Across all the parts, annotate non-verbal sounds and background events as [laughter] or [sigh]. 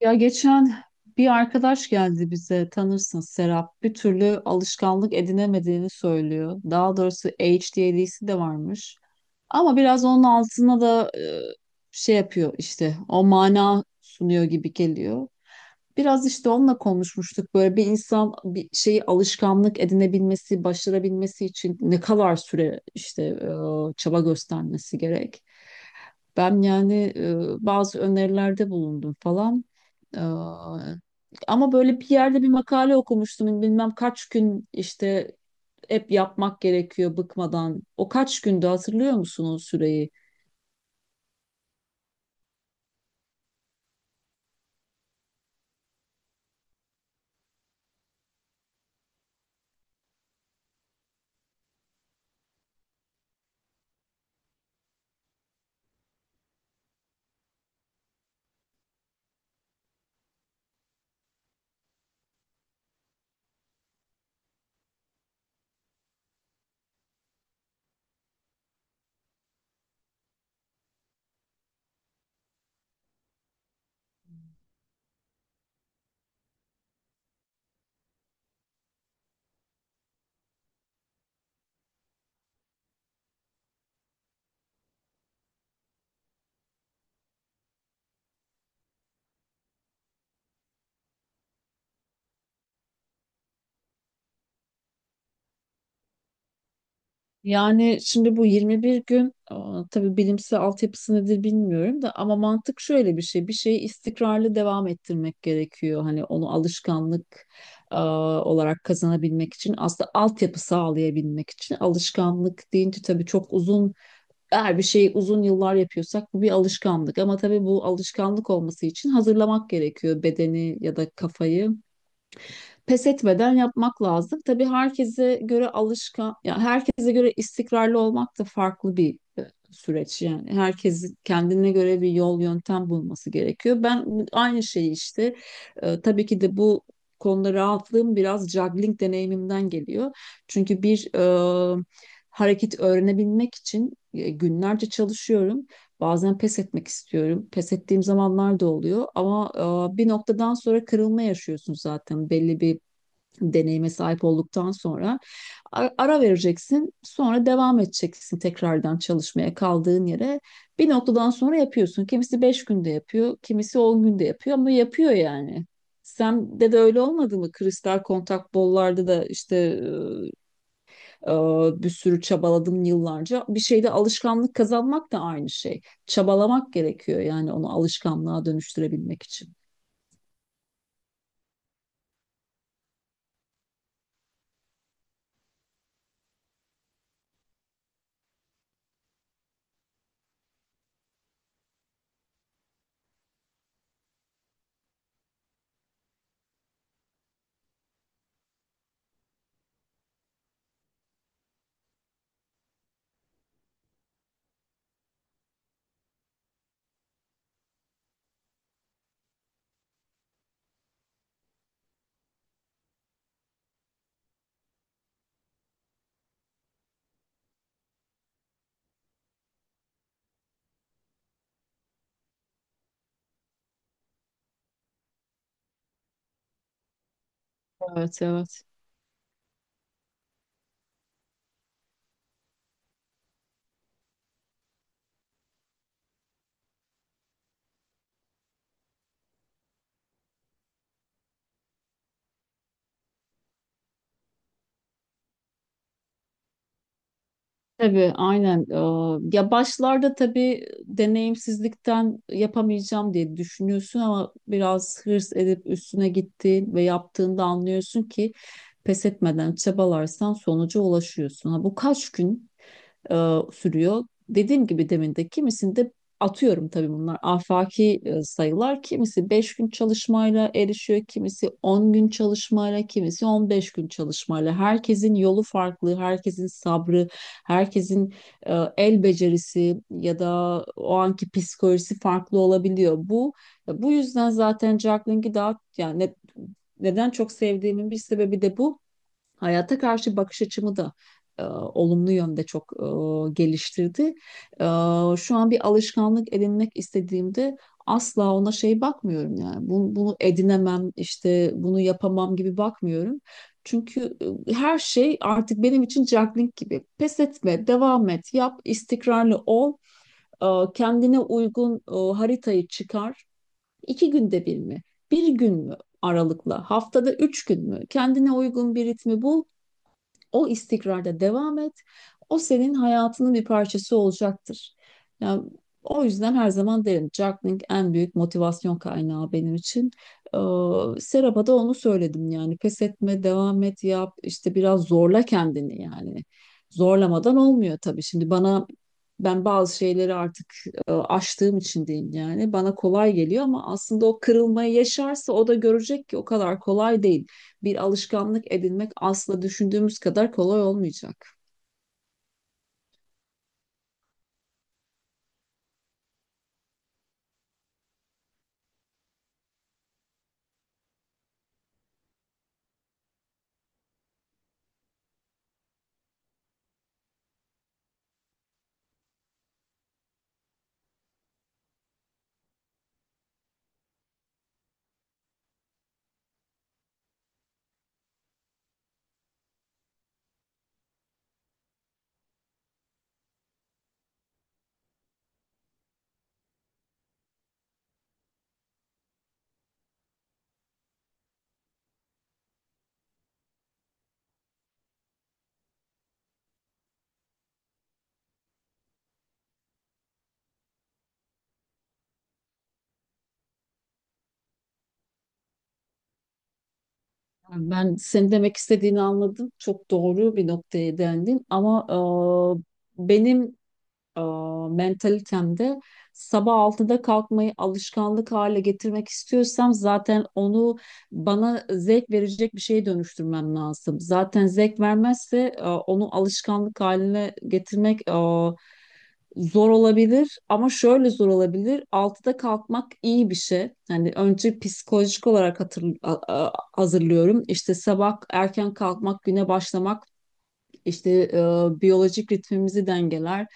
Ya geçen bir arkadaş geldi bize, tanırsın, Serap. Bir türlü alışkanlık edinemediğini söylüyor. Daha doğrusu ADHD'si de varmış. Ama biraz onun altına da şey yapıyor, işte o mana sunuyor gibi geliyor. Biraz işte onunla konuşmuştuk, böyle bir insan bir şeyi alışkanlık edinebilmesi, başarabilmesi için ne kadar süre işte çaba göstermesi gerek. Ben yani bazı önerilerde bulundum falan. Ee, ama böyle bir yerde bir makale okumuştum. Bilmem kaç gün işte hep yapmak gerekiyor bıkmadan. O kaç günde hatırlıyor musun o süreyi? Yani şimdi bu 21 gün, tabii bilimsel altyapısı nedir bilmiyorum da, ama mantık şöyle bir şey. Bir şeyi istikrarlı devam ettirmek gerekiyor. Hani onu alışkanlık olarak kazanabilmek için, aslında altyapı sağlayabilmek için, alışkanlık deyince tabii çok uzun. Eğer bir şeyi uzun yıllar yapıyorsak bu bir alışkanlık. Ama tabii bu alışkanlık olması için hazırlamak gerekiyor bedeni ya da kafayı, pes etmeden yapmak lazım. Tabii herkese göre alışkan, ya herkese göre istikrarlı olmak da farklı bir süreç yani. Herkesin kendine göre bir yol yöntem bulması gerekiyor. Aynı şeyi işte tabii ki de bu konuda rahatlığım biraz juggling deneyimimden geliyor. Çünkü bir hareket öğrenebilmek için günlerce çalışıyorum. Bazen pes etmek istiyorum. Pes ettiğim zamanlar da oluyor ama bir noktadan sonra kırılma yaşıyorsun, zaten belli bir deneyime sahip olduktan sonra ara vereceksin. Sonra devam edeceksin tekrardan çalışmaya kaldığın yere. Bir noktadan sonra yapıyorsun. Kimisi 5 günde yapıyor, kimisi 10 günde yapıyor ama yapıyor yani. Sen de öyle olmadı mı? Kristal kontak bollarda da işte e, e, bir sürü çabaladım yıllarca. Bir şeyde alışkanlık kazanmak da aynı şey. Çabalamak gerekiyor yani, onu alışkanlığa dönüştürebilmek için. Evet, evet. Tabii, aynen. Ya başlarda tabii deneyimsizlikten yapamayacağım diye düşünüyorsun, ama biraz hırs edip üstüne gittiğin ve yaptığında anlıyorsun ki pes etmeden çabalarsan sonuca ulaşıyorsun. Ha, bu kaç gün e, sürüyor? Dediğim gibi, demin de kimisinde atıyorum, tabii bunlar afaki sayılar. Kimisi 5 gün çalışmayla erişiyor, kimisi 10 gün çalışmayla, kimisi 15 gün çalışmayla. Herkesin yolu farklı, herkesin sabrı, herkesin el becerisi ya da o anki psikolojisi farklı olabiliyor. Bu yüzden zaten Jacqueline'i daha yani neden çok sevdiğimin bir sebebi de bu. Hayata karşı bakış açımı da olumlu yönde çok geliştirdi. E, şu an bir alışkanlık edinmek istediğimde asla ona şey bakmıyorum yani. Bunu edinemem, işte bunu yapamam gibi bakmıyorum. Çünkü her şey artık benim için juggling gibi. Pes etme, devam et, yap, istikrarlı ol. E, kendine uygun haritayı çıkar. İki günde bir mi? Bir gün mü aralıkla, haftada üç gün mü, kendine uygun bir ritmi bul, o istikrarda devam et. O senin hayatının bir parçası olacaktır. Yani o yüzden her zaman derim, juggling en büyük motivasyon kaynağı benim için. Ee, Serap'a da onu söyledim yani, pes etme, devam et, yap işte, biraz zorla kendini yani. Zorlamadan olmuyor tabii. Şimdi bana ben bazı şeyleri artık aştığım için diyeyim, yani bana kolay geliyor, ama aslında o kırılmayı yaşarsa o da görecek ki o kadar kolay değil, bir alışkanlık edinmek asla düşündüğümüz kadar kolay olmayacak. Yani ben senin demek istediğini anladım. Çok doğru bir noktaya değindin, ama benim e, mentalitemde sabah 6'da kalkmayı alışkanlık hale getirmek istiyorsam, zaten onu bana zevk verecek bir şeye dönüştürmem lazım. Zaten zevk vermezse onu alışkanlık haline getirmek zor olabilir, ama şöyle zor olabilir. Altıda kalkmak iyi bir şey. Yani önce psikolojik olarak hazırlıyorum. İşte sabah erken kalkmak, güne başlamak işte biyolojik ritmimizi dengeler.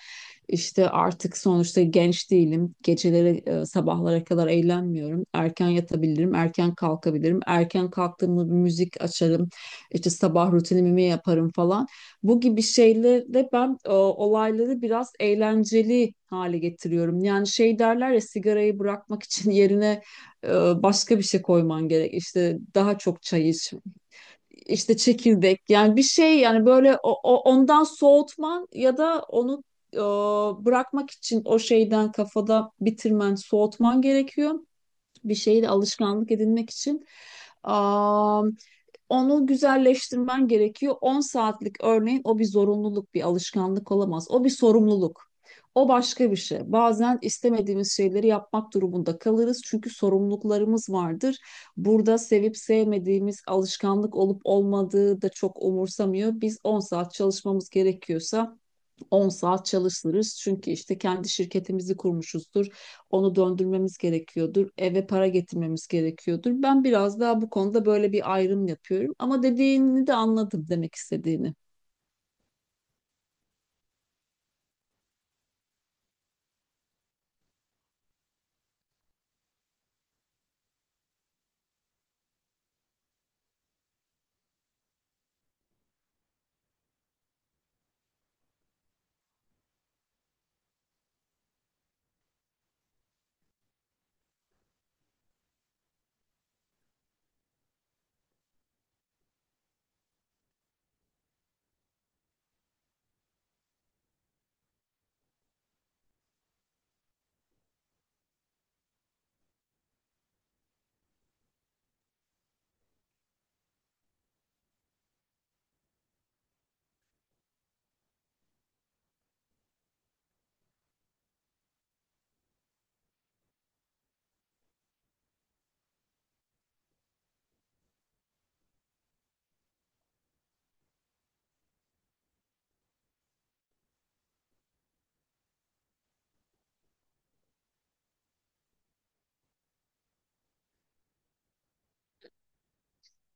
İşte artık sonuçta genç değilim. Geceleri sabahlara kadar eğlenmiyorum. Erken yatabilirim, erken kalkabilirim. Erken kalktığımda bir müzik açarım. İşte sabah rutinimi yaparım falan. Bu gibi şeylerle ben olayları biraz eğlenceli hale getiriyorum. Yani şey derler ya, sigarayı bırakmak için [laughs] yerine e, başka bir şey koyman gerek. İşte daha çok çay iç, işte çekirdek, yani bir şey, yani böyle ondan soğutman ya da onu e, bırakmak için o şeyden kafada bitirmen, soğutman gerekiyor. Bir şeyi de alışkanlık edinmek için onu güzelleştirmen gerekiyor. 10 saatlik örneğin, o bir zorunluluk, bir alışkanlık olamaz. O bir sorumluluk. O başka bir şey. Bazen istemediğimiz şeyleri yapmak durumunda kalırız çünkü sorumluluklarımız vardır. Burada sevip sevmediğimiz, alışkanlık olup olmadığı da çok umursamıyor. Biz 10 saat çalışmamız gerekiyorsa 10 saat çalışırız. Çünkü işte kendi şirketimizi kurmuşuzdur. Onu döndürmemiz gerekiyordur. Eve para getirmemiz gerekiyordur. Ben biraz daha bu konuda böyle bir ayrım yapıyorum. Ama dediğini de anladım, demek istediğini.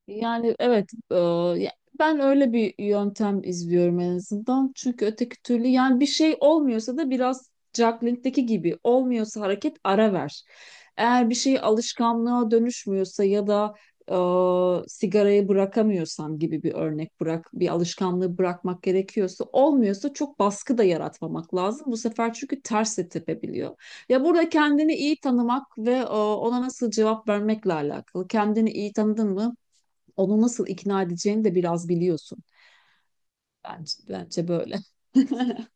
Yani evet, ya- ben öyle bir yöntem izliyorum en azından. Çünkü öteki türlü yani, bir şey olmuyorsa da, biraz juggling'deki gibi olmuyorsa hareket, ara ver. Eğer bir şey alışkanlığa dönüşmüyorsa ya da sigarayı bırakamıyorsam gibi bir örnek, bırak bir alışkanlığı, bırakmak gerekiyorsa olmuyorsa çok baskı da yaratmamak lazım bu sefer, çünkü ters de tepebiliyor. Ya burada kendini iyi tanımak ve ona nasıl cevap vermekle alakalı. Kendini iyi tanıdın mı, onu nasıl ikna edeceğini de biraz biliyorsun. Bence böyle. [laughs]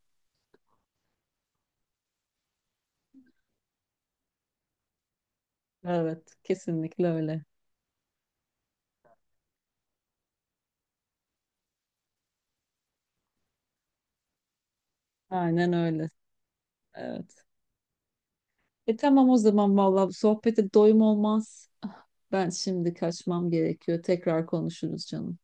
Evet, kesinlikle öyle. Aynen öyle. Evet. E tamam, o zaman vallahi bu sohbete doyum olmaz. Ah, ben şimdi kaçmam gerekiyor. Tekrar konuşuruz canım.